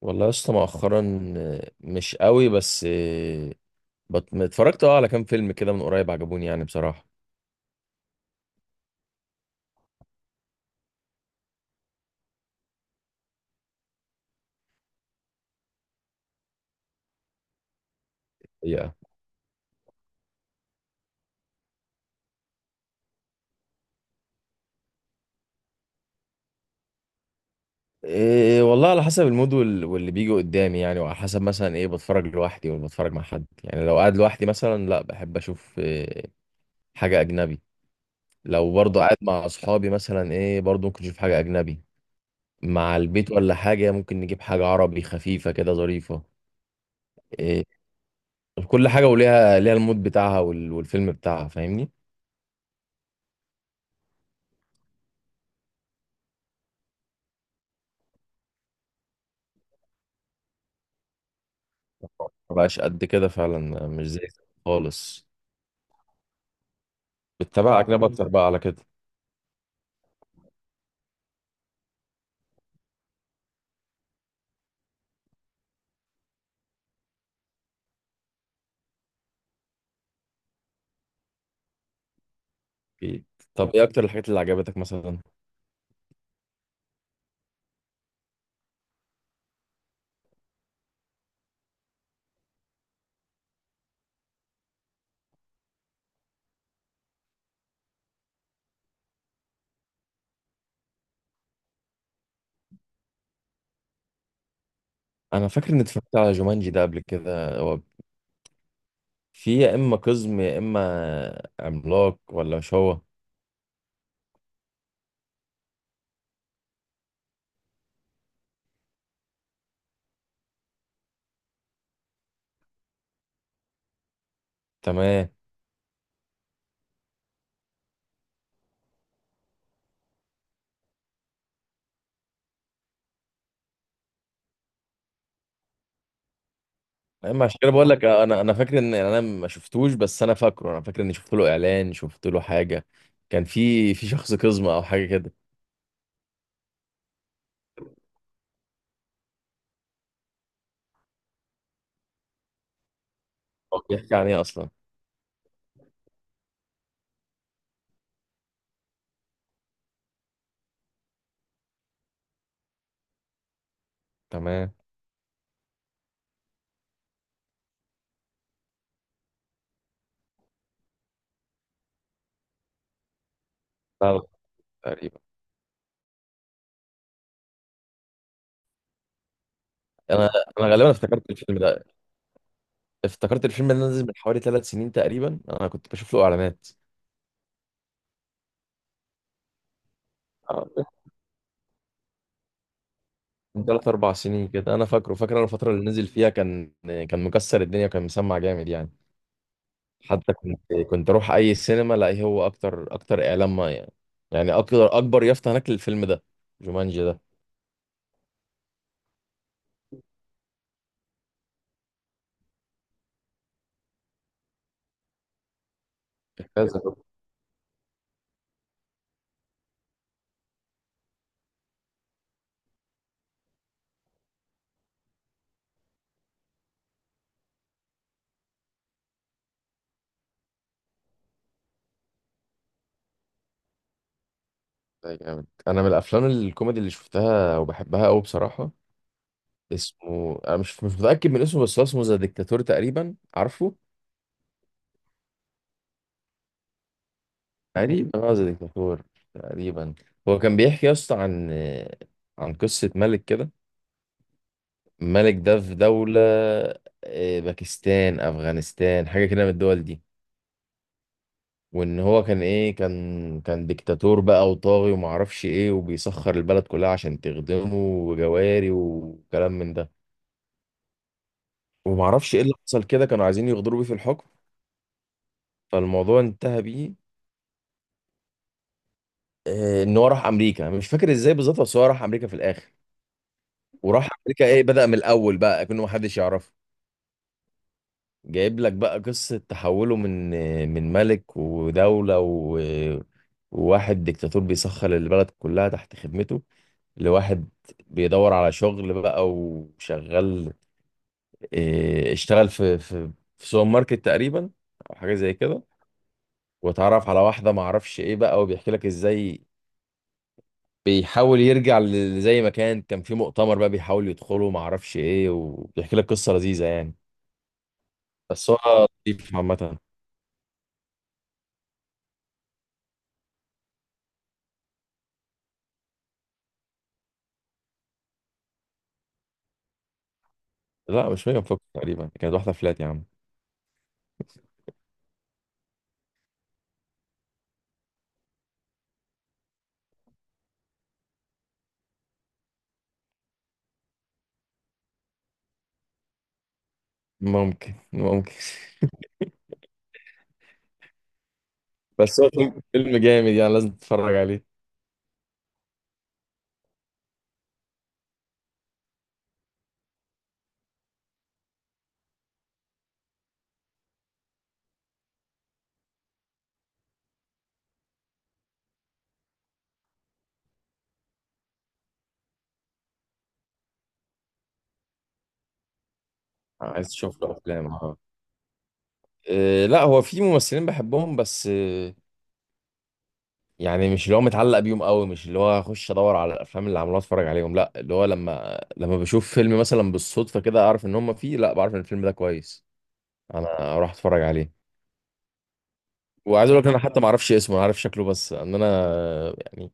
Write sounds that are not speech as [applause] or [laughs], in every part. والله يا اسطى مؤخرا مش قوي بس اتفرجت على كام فيلم كده من قريب عجبوني يعني بصراحة. الحقيقة إيه والله، على حسب المود واللي بيجي قدامي يعني، وعلى حسب مثلا ايه، بتفرج لوحدي ولا بتفرج مع حد يعني. لو قاعد لوحدي مثلا لا، بحب اشوف إيه حاجة اجنبي. لو برضه قاعد مع اصحابي مثلا ايه، برضه ممكن اشوف حاجة اجنبي. مع البيت ولا حاجة ممكن نجيب حاجة عربي خفيفة كده ظريفة. إيه، كل حاجة وليها المود بتاعها والفيلم بتاعها، فاهمني؟ ما بقاش قد كده فعلا، مش زي زمان خالص. بتتابع أجنبي أكتر بقى على كده. أكيد. طب إيه أكتر الحاجات اللي عجبتك مثلا؟ أنا فاكر إني اتفرجت على جومانجي ده قبل كده، هو في يا إما قزم يا إما عملاق، ولا مش هو؟ تمام. اما عشان كده بقول لك انا فاكر ان انا ما شفتوش، بس انا فاكر اني شفت له اعلان، شفت له حاجه، كان في شخص قزمه او حاجه كده. هو بيحكي عن ايه اصلا؟ تمام. لا، لا، تقريبا. انا انا غالبا افتكرت الفيلم ده، افتكرت الفيلم اللي نزل من حوالي ثلاث سنين تقريبا، انا كنت بشوف له اعلانات. آه، من ثلاث اربع سنين كده انا فاكر انا الفتره اللي نزل فيها، كان مكسر الدنيا وكان مسمع جامد يعني. حتى كنت اروح اي سينما الاقي هو اكتر اعلان ما يعني، يعني اكبر يافطه هناك للفيلم ده، جومانجي ده. كذا. ده جامد، انا من الافلام الكوميدي اللي شفتها وبحبها قوي بصراحه. اسمه، انا مش متاكد من اسمه، بس هو اسمه ذا ديكتاتور تقريبا، عارفه؟ تقريبا غزة ديكتاتور تقريبا. هو كان بيحكي يا اسطى عن قصة ملك كده، الملك ده في دولة، باكستان، أفغانستان، حاجة كده من الدول دي. وإن هو كان إيه كان كان ديكتاتور بقى وطاغي ومعرفش إيه، وبيسخر البلد كلها عشان تخدمه، وجواري وكلام من ده. ومعرفش إيه اللي حصل كده، كانوا عايزين يغدروا بيه في الحكم. فالموضوع انتهى بيه إن هو راح أمريكا، مش فاكر إزاي بالظبط، بس هو راح أمريكا في الآخر. وراح امريكا ايه، بدأ من الاول بقى كأنه محدش يعرفه، جايب لك بقى قصة تحوله من ملك ودولة و... وواحد ديكتاتور بيسخر البلد كلها تحت خدمته، لواحد بيدور على شغل بقى وشغال، إيه، اشتغل في في سوبر ماركت تقريبا، او حاجة زي كده. واتعرف على واحدة معرفش ايه بقى، وبيحكي لك ازاي بيحاول يرجع زي ما كان، كان في مؤتمر بقى بيحاول يدخله معرفش ايه، وبيحكي لك قصة لذيذة يعني. بس هو نضيف عامة. لا، مش ميجان فوكس، تقريبا كانت واحدة فلات يا عم. ممكن، ممكن. [laughs] بس هو فيلم جامد يعني، لازم تتفرج عليه. عايز تشوف له أفلام، اه. لا هو في ممثلين بحبهم، بس يعني مش اللي هو متعلق بيهم قوي، مش اللي هو اخش ادور على الافلام اللي عملوها اتفرج عليهم، لا، اللي هو لما بشوف فيلم مثلا بالصدفه كده، اعرف ان هم فيه، لا، بعرف ان الفيلم ده كويس، انا اروح اتفرج عليه. وعايز اقول لك، انا حتى ما اعرفش اسمه، انا عارف شكله بس، ان انا يعني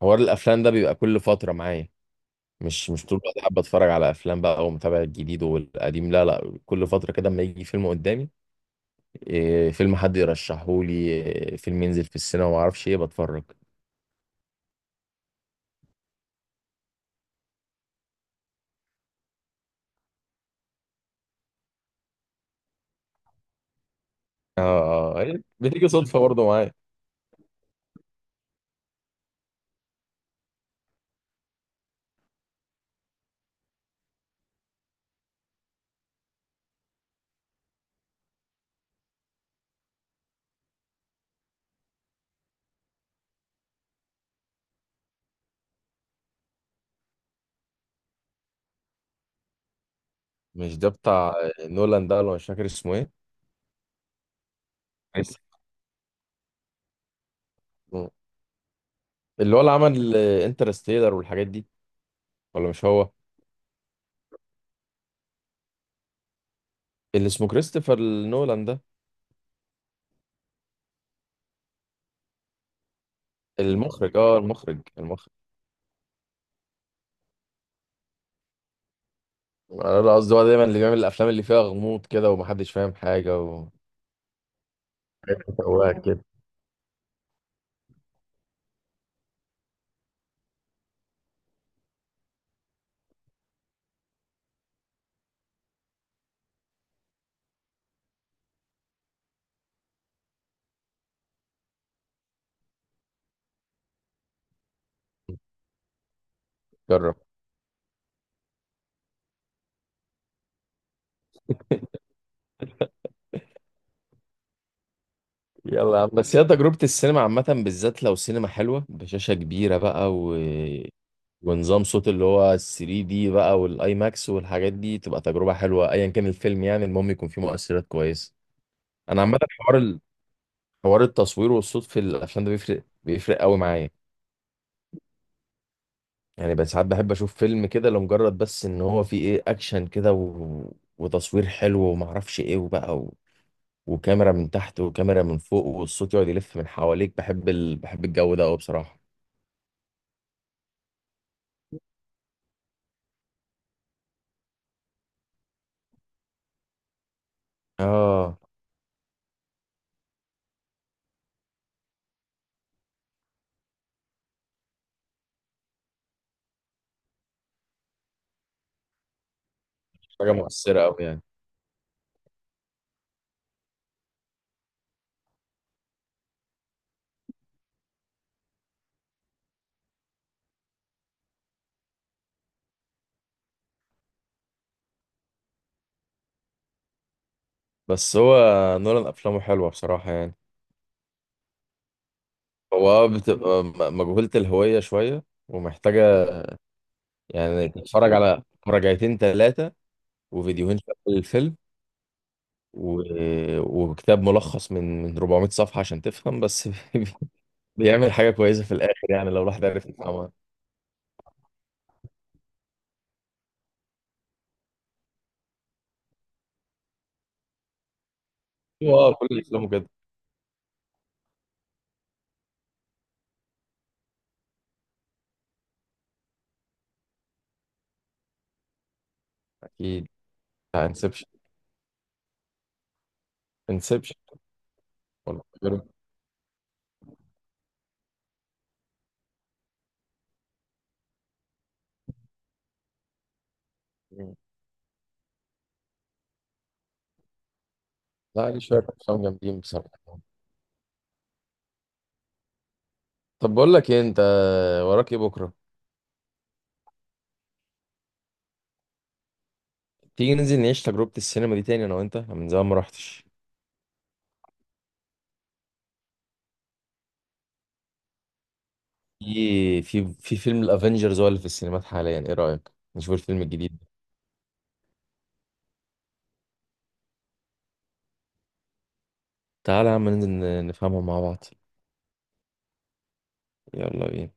حوار الافلام ده بيبقى كل فتره معايا، مش طول الوقت حابة اتفرج على افلام بقى ومتابع الجديد والقديم، لا، لا، كل فترة كده اما يجي فيلم قدامي، إيه فيلم حد يرشحه لي، إيه فيلم ينزل في السينما وما اعرفش ايه، بتفرج. إيه، بتيجي صدفة برضه معايا. مش ده بتاع نولان ده ولا؟ مش فاكر اسمه ايه. كريس- اللي هو اللي عمل انترستيلر والحاجات دي، ولا مش هو؟ اللي اسمه كريستوفر نولان ده. المخرج، المخرج. انا، لا، قصدي هو دايما اللي بيعمل الافلام اللي فيها غموض كده ومحدش فاهم حاجة. و... [laughs] هو كده. جرب، يلا يا عم، بس هي تجربة السينما عامة، بالذات لو سينما حلوة بشاشة كبيرة بقى، و... ونظام صوت اللي هو 3D بقى، والاي ماكس والحاجات دي، تبقى تجربة حلوة ايا كان الفيلم يعني، المهم يكون فيه مؤثرات كويسة. انا عامة حوار حوار التصوير والصوت في الافلام ده بيفرق قوي معايا يعني. بس ساعات بحب اشوف فيلم كده لمجرد بس ان هو فيه ايه اكشن كده، و... وتصوير حلو ومعرفش ايه وبقى، و... وكاميرا من تحت وكاميرا من فوق والصوت يقعد يلف من حواليك، بحب بحب الجو ده قوي بصراحة. اه، حاجة مؤثرة أوي يعني. بس هو نولان أفلامه حلوة بصراحة يعني. هو بتبقى مجهولة الهوية شوية، ومحتاجة يعني تتفرج على مراجعتين تلاتة وفيديوهين في أول الفيلم، و... وكتاب ملخص من 400 صفحة عشان تفهم بس. [laughs] بيعمل حاجة كويسة في الآخر يعني، لو الواحد عرف يفهمها. هو كل أفلامه كده. أكيد. انسبشن. انسبشن ولا غيره. لا، ليه شوية أفلام جامدين بصراحة. طب بقول لك إيه، أنت وراك إيه بكرة؟ تيجي ننزل نعيش تجربة السينما دي تاني، انا وانت، أنا من زمان ما رحتش. في في فيلم الافنجرز هو اللي في السينمات حاليا، ايه رأيك نشوف الفيلم الجديد ده؟ تعالى يا عم ننزل نفهمه مع بعض. يلا بينا.